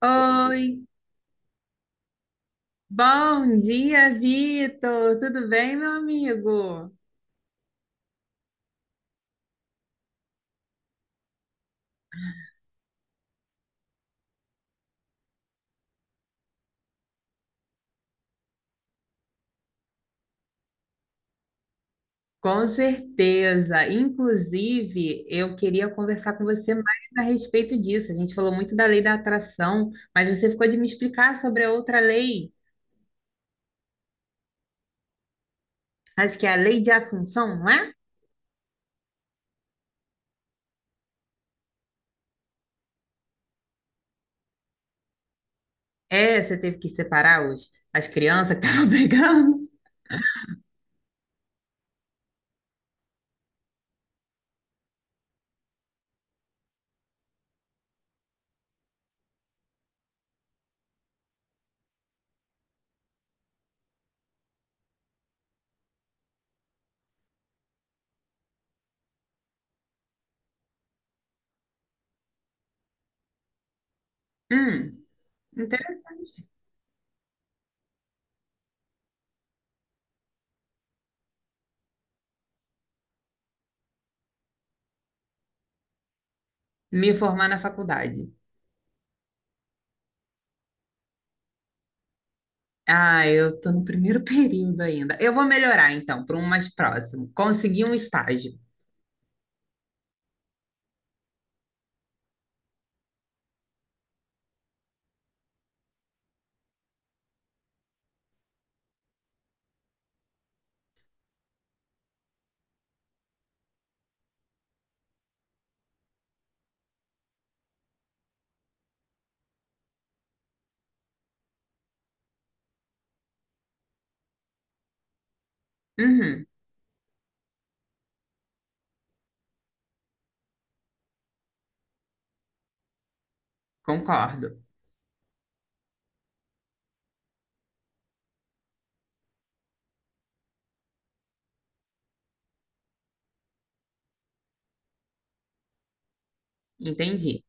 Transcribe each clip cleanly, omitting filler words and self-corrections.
Oi, bom dia, Vitor. Tudo bem, meu amigo? Com certeza. Inclusive, eu queria conversar com você mais a respeito disso. A gente falou muito da lei da atração, mas você ficou de me explicar sobre a outra lei. Acho que é a lei de Assunção, não é? É, você teve que separar as crianças que estavam brigando. Hum, interessante. Me formar na faculdade. Ah, eu tô no primeiro período ainda. Eu vou melhorar então, para um mais próximo. Consegui um estágio. Uhum, concordo. Entendi.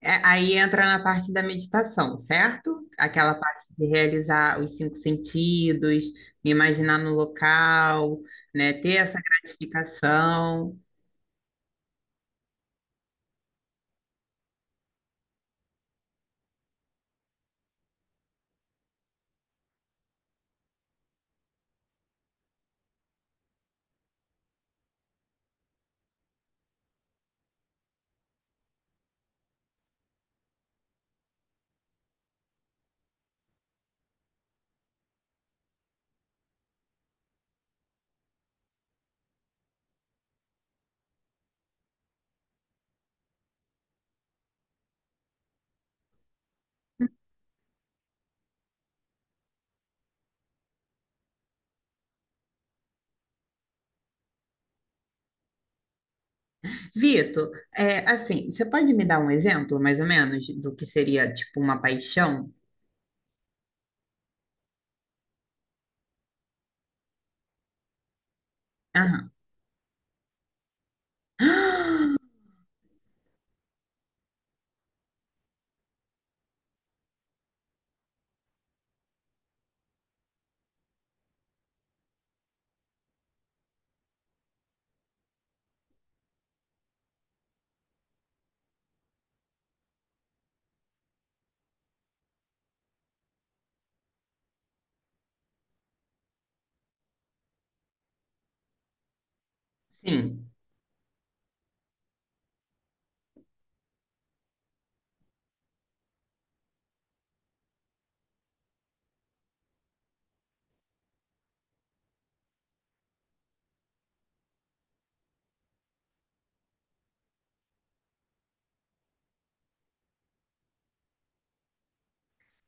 É, aí entra na parte da meditação, certo? Aquela parte de realizar os cinco sentidos, me imaginar no local, né? Ter essa gratificação. Vitor, é, assim, você pode me dar um exemplo, mais ou menos, do que seria tipo uma paixão? Aham, sim.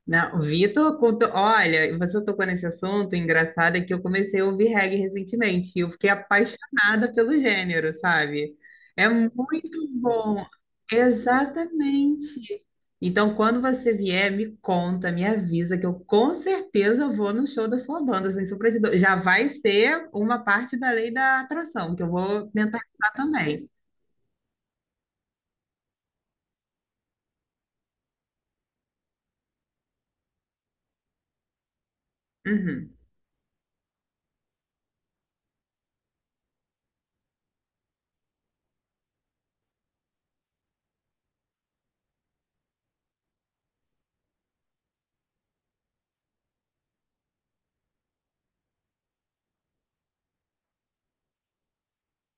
Não, Vitor, olha, você tocou nesse assunto, engraçado é que eu comecei a ouvir reggae recentemente e eu fiquei apaixonada pelo gênero, sabe? É muito bom. Exatamente. Então, quando você vier, me conta, me avisa que eu com certeza vou no show da sua banda, sem sombra de dúvida. Já vai ser uma parte da lei da atração, que eu vou tentar ajudar também. Uhum.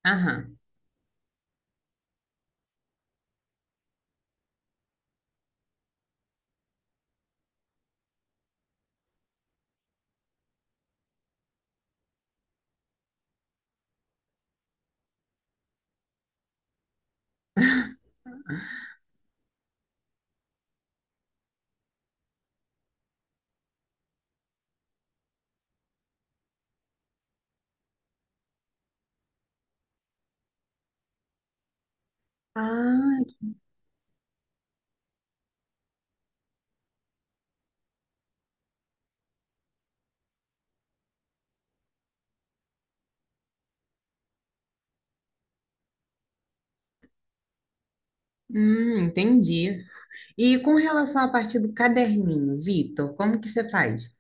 Aham. Ah, entendi. E com relação à parte do caderninho, Vitor, como que você faz?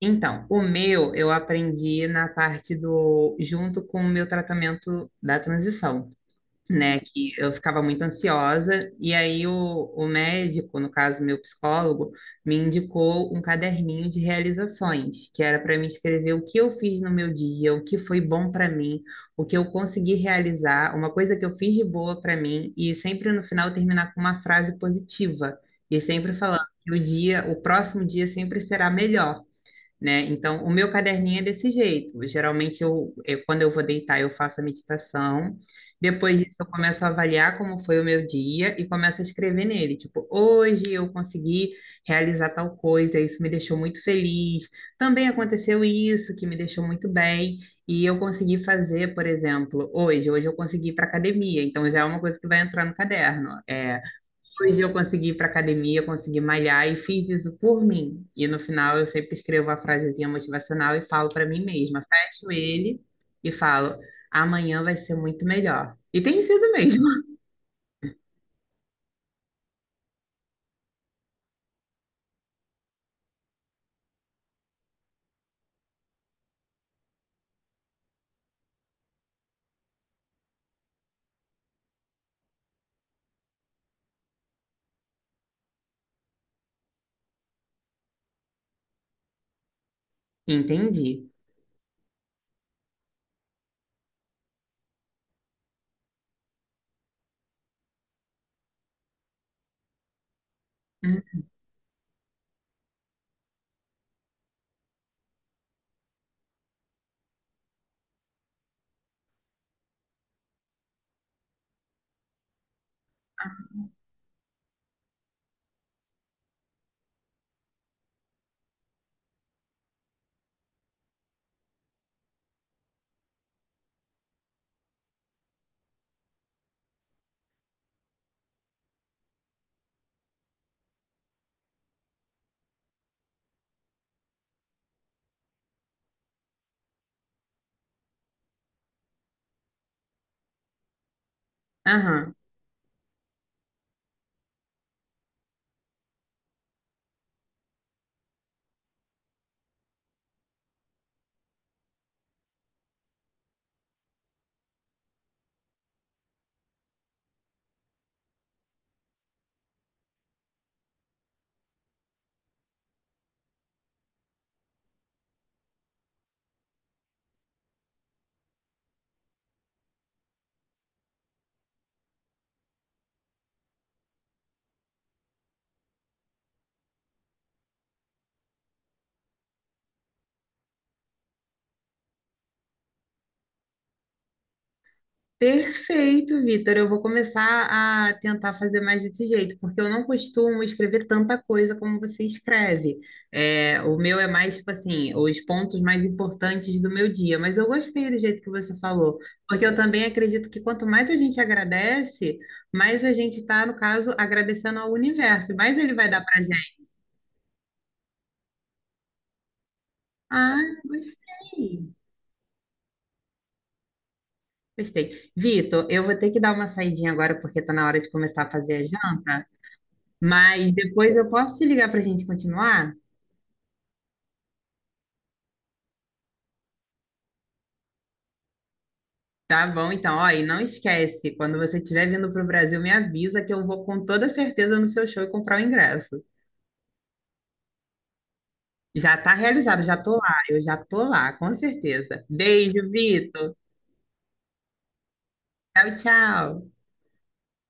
Então, o meu eu aprendi na parte do, junto com o meu tratamento da transição. Né, que eu ficava muito ansiosa, e aí o médico, no caso meu psicólogo, me indicou um caderninho de realizações, que era para mim escrever o que eu fiz no meu dia, o que foi bom para mim, o que eu consegui realizar, uma coisa que eu fiz de boa para mim, e sempre no final terminar com uma frase positiva, e sempre falando que o dia, o próximo dia sempre será melhor, né? Então, o meu caderninho é desse jeito. Geralmente, quando eu vou deitar, eu faço a meditação. Depois disso, eu começo a avaliar como foi o meu dia e começo a escrever nele. Tipo, hoje eu consegui realizar tal coisa, isso me deixou muito feliz. Também aconteceu isso, que me deixou muito bem. E eu consegui fazer, por exemplo, hoje. Hoje eu consegui ir para academia. Então, já é uma coisa que vai entrar no caderno. É, hoje eu consegui ir para academia, consegui malhar e fiz isso por mim. E no final eu sempre escrevo a frasezinha motivacional e falo para mim mesma, fecho ele e falo: amanhã vai ser muito melhor. E tem sido mesmo. Entendi. Hum, Aham. Perfeito, Vitor. Eu vou começar a tentar fazer mais desse jeito, porque eu não costumo escrever tanta coisa como você escreve. É, o meu é mais, tipo assim, os pontos mais importantes do meu dia. Mas eu gostei do jeito que você falou, porque eu também acredito que quanto mais a gente agradece, mais a gente está, no caso, agradecendo ao universo, mais ele vai dar pra gente. Ah, gostei. Gostei. Vitor, eu vou ter que dar uma saidinha agora, porque tá na hora de começar a fazer a janta. Mas depois eu posso te ligar para a gente continuar? Tá bom, então. Ó, e não esquece, quando você estiver vindo para o Brasil, me avisa que eu vou com toda certeza no seu show e comprar o ingresso. Já tá realizado, já tô lá, eu já tô lá, com certeza. Beijo, Vitor. Tchau, tchau.